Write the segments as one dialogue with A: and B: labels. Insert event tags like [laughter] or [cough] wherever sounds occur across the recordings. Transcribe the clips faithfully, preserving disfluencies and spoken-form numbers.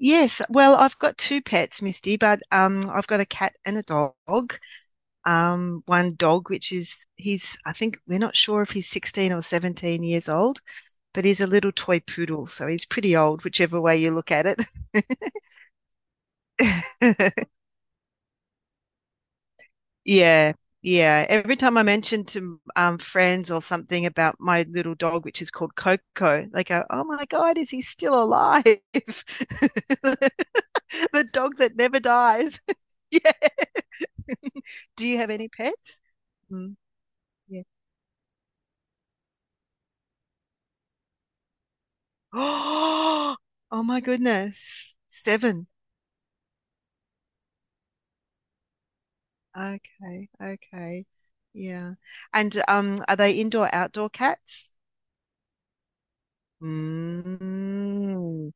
A: Yes, well, I've got two pets, Misty, but um, I've got a cat and a dog. Um, one dog, which is he's, I think we're not sure if he's sixteen or seventeen years old, but he's a little toy poodle, so he's pretty old, whichever way you look at it. [laughs] Yeah, yeah. Every time I mention to um, friends or something about my little dog, which is called Coco, they go, "Oh my God, is he still alive? [laughs] The dog that never dies." [laughs] Yeah. [laughs] Do you have any pets? Mm, yeah. [gasps] Oh, oh my goodness. Seven. Okay, okay. Yeah. And um, are they indoor outdoor cats? Mm.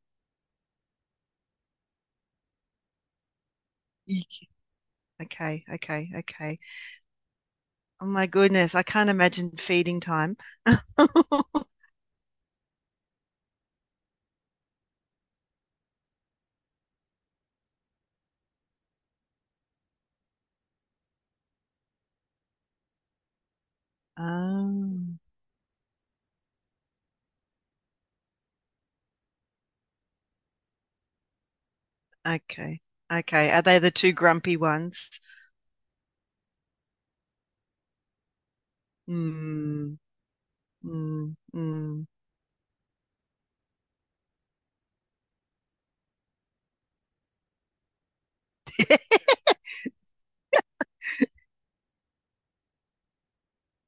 A: Eek. Okay, okay, okay. Oh my goodness, I can't imagine feeding time. [laughs] Oh, okay, okay. Are they the two grumpy ones? Mm, mm, mm. [laughs]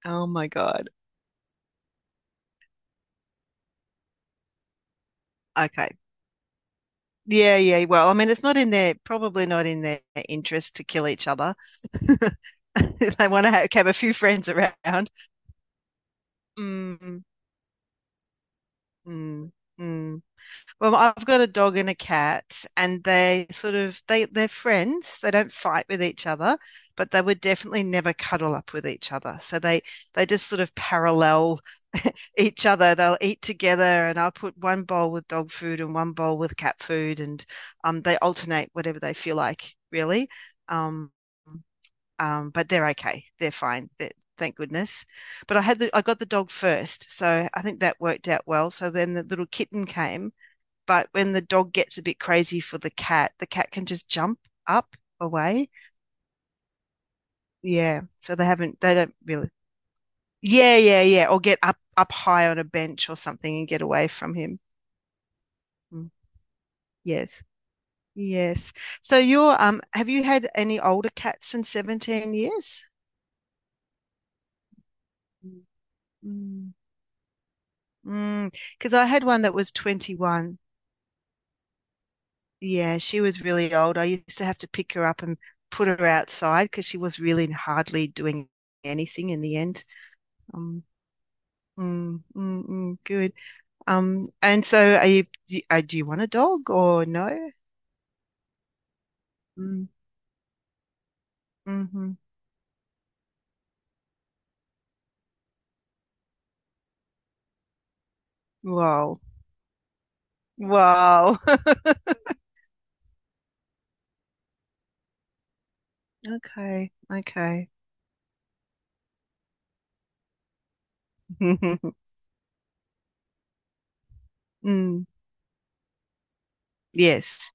A: Oh my God. Okay. Yeah, yeah. Well, I mean, it's not in their, probably not in their, interest to kill each other. [laughs] They want to have, have a few friends around. Mm, mm, mm. Well, I've got a dog and a cat, and they sort of they they're friends. They don't fight with each other, but they would definitely never cuddle up with each other. So they they just sort of parallel [laughs] each other. They'll eat together, and I'll put one bowl with dog food and one bowl with cat food, and um they alternate whatever they feel like, really. Um, um, but they're okay. They're fine. They're, thank goodness. But I had the I got the dog first, so I think that worked out well. So then the little kitten came, but when the dog gets a bit crazy for the cat, the cat can just jump up away. Yeah. So they haven't, they don't really. Yeah, yeah, yeah. Or get up up high on a bench or something and get away from him. Mm, yes. Yes. So you're um have you had any older cats in seventeen years? Mm. Mm. Because I had one that was twenty-one. Yeah, she was really old. I used to have to pick her up and put her outside because she was really hardly doing anything in the end. Um, Mm, mm, mm, good. Um, and so are you, do you, uh, do you want a dog or no? Mm, mm-hmm. Wow. Wow. [laughs] Okay. Okay. [laughs] Mm, yes.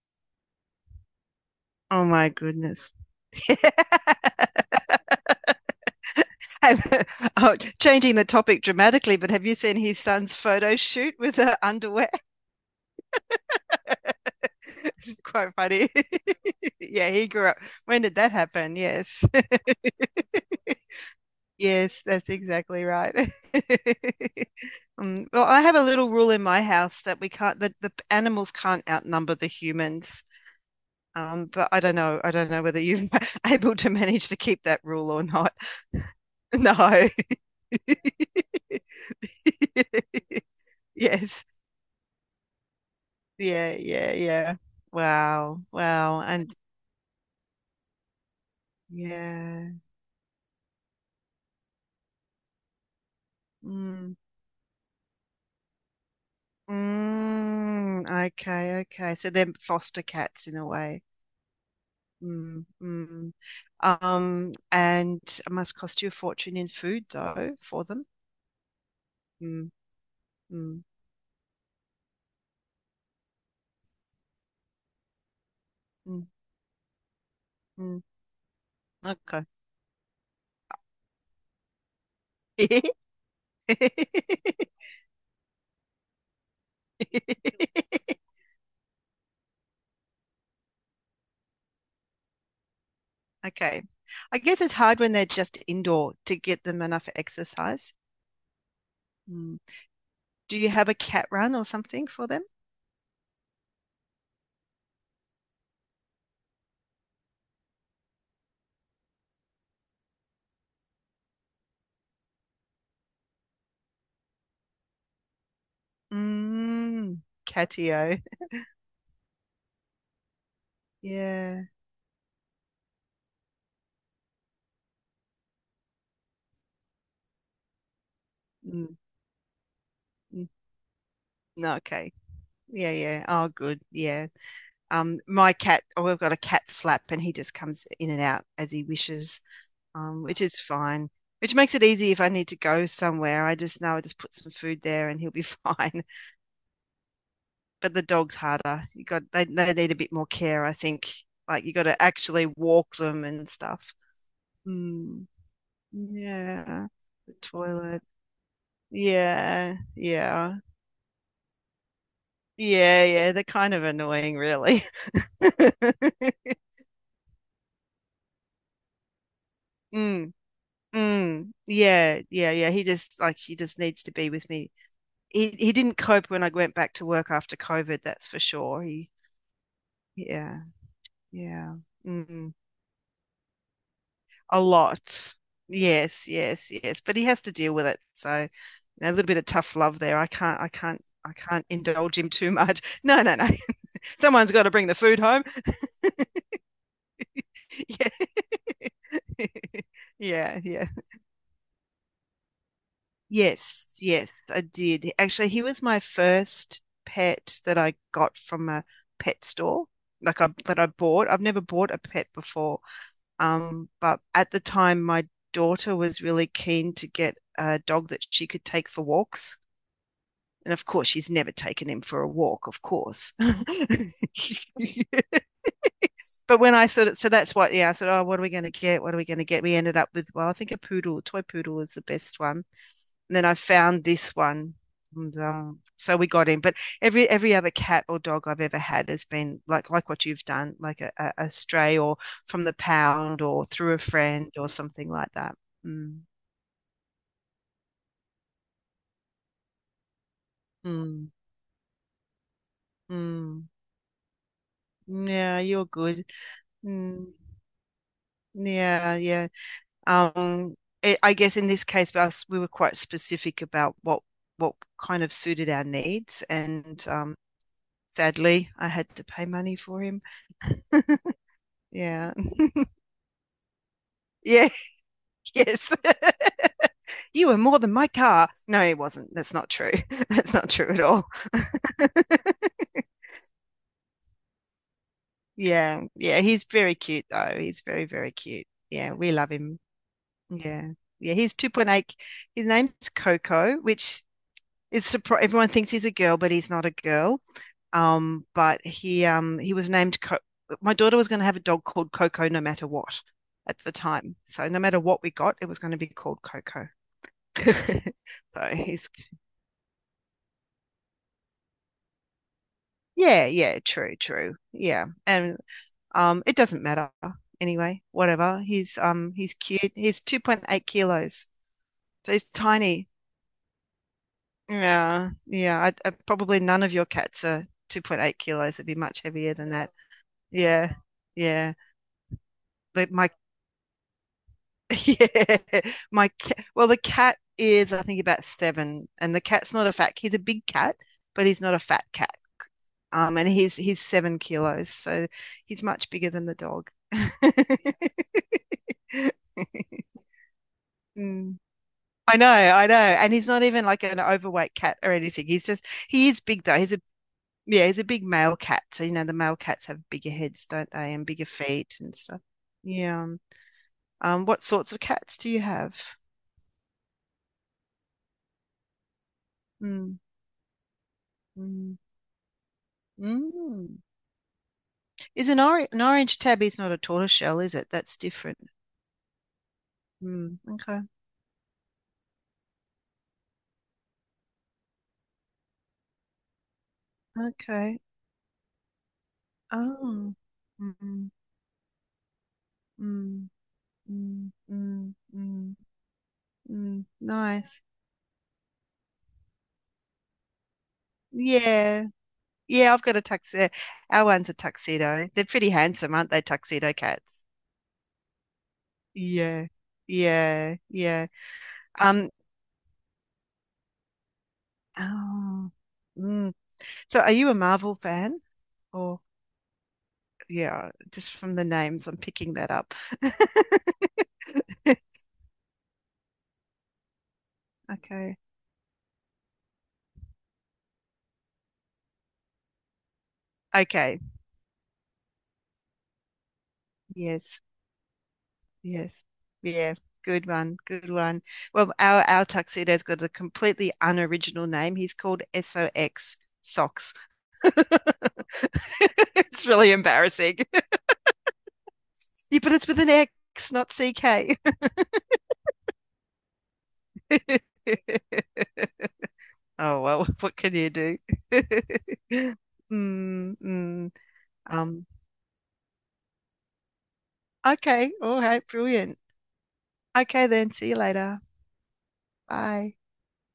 A: Oh my goodness. [laughs] Have, oh, changing the topic dramatically, but have you seen his son's photo shoot with the underwear? [laughs] It's quite funny. [laughs] Yeah, he grew up. When did that happen? Yes. [laughs] Yes, that's exactly right. [laughs] Um, well, I have a little rule in my house that we can't, that the animals can't outnumber the humans. Um, but I don't know. I don't know whether you're [laughs] able to manage to keep that rule or not. [laughs] No. [laughs] Yes. Yeah, yeah, yeah. Wow. Wow. And yeah. Mm. Mm. Okay, okay. So they're foster cats in a way. Mm. Mm. Um, and it must cost you a fortune in food, though, for them. Mm, mm, mm, mm. Okay. [laughs] Okay. I guess it's hard when they're just indoor to get them enough exercise. Mm. Do you have a cat run or something for them? Mm, catio. Yeah. Mm, mm. No, okay. Yeah, yeah. Oh, good. Yeah. Um, my cat, oh, I've got a cat flap, and he just comes in and out as he wishes, um, which is fine. Which makes it easy if I need to go somewhere. I just know I just put some food there and he'll be [laughs] fine. But the dog's harder. You got they they need a bit more care, I think. Like, you got to actually walk them and stuff. Mm, yeah, the toilet. Yeah, yeah, yeah, yeah. They're kind of annoying, really. [laughs] Mm. Mm, yeah, yeah, yeah. He just Like, he just needs to be with me. He he didn't cope when I went back to work after COVID, that's for sure. He Yeah, yeah. Mm, a lot. Yes, yes, yes. But he has to deal with it. So, you know, a little bit of tough love there. I can't I can't I can't indulge him too much. [laughs] No, no, no. [laughs] Someone's got to bring the food home. [laughs] Yeah. [laughs] Yeah, yeah. Yes, yes, I did. Actually, he was my first pet that I got from a pet store, like I that I bought. I've never bought a pet before. Um, but at the time, my daughter was really keen to get a dog that she could take for walks. And of course, she's never taken him for a walk, of course. [laughs] But when I thought it, so that's why, yeah, I said, oh, what are we going to get? What are we going to get? We ended up with, well, I think a poodle, a toy poodle is the best one. And then I found this one. And, um, so we got him. But every every other cat or dog I've ever had has been like like what you've done, like a, a, a stray or from the pound or through a friend or something like that. Mm, mm, mm. Yeah, you're good. Mm, yeah, yeah. Um, it, I guess in this case, us we were quite specific about what what kind of suited our needs, and um, sadly, I had to pay money for him. [laughs] Yeah, yeah, yes. [laughs] You were more than my car. No, it wasn't. That's not true. [laughs] That's not true at all. [laughs] Yeah, yeah. He's very cute though. He's very, very cute. Yeah, we love him. Yeah, yeah. He's two point eight. His name's Coco, which is surprised. Everyone thinks he's a girl, but he's not a girl. Um, but he um he was named Co- my daughter was going to have a dog called Coco no matter what at the time. So no matter what we got, it was going to be called Coco. [laughs] so he's Yeah, yeah, true, true. Yeah. And um it doesn't matter anyway, whatever. He's um he's cute. He's two point eight kilos. So he's tiny. Yeah. Yeah, I, I probably none of your cats are two point eight kilos. It'd be much heavier than that. Yeah. Yeah. But my [laughs] Yeah, my cat. Well, the cat is, I think, about seven, and the cat's not a fat. He's a big cat, but he's not a fat cat. Um, and he's he's seven kilos, so he's much bigger than the dog. [laughs] Mm. I know, I know, and he's not even like an overweight cat or anything. He's just he is big though. He's a Yeah, he's a big male cat. So you know, the male cats have bigger heads, don't they, and bigger feet and stuff. Yeah. Um, what sorts of cats do you have? Mm. Mm. Mm. Is an, or an orange tabby is not a tortoiseshell, is it? That's different. Mm. Okay. Okay. Oh. Mm, mm, mm, mm, mm, mm. Nice. Yeah. Yeah, I've got a tuxedo. Our one's a tuxedo. They're pretty handsome, aren't they, tuxedo cats? Yeah. Yeah. Yeah. Um, oh. Mm. So are you a Marvel fan? Or Yeah, just from the names, I'm picking that up. [laughs] Okay. Okay. Yes. Yes. Yeah. Good one. Good one. Well, our our tuxedo's got a completely unoriginal name. He's called S O X Socks. [laughs] It's really embarrassing. [laughs] Yeah, but it's with an X, not C K. [laughs] Oh well, what can you do? [laughs] Mm, mm. Um, okay. All right. Brilliant. Okay then. See you later. Bye.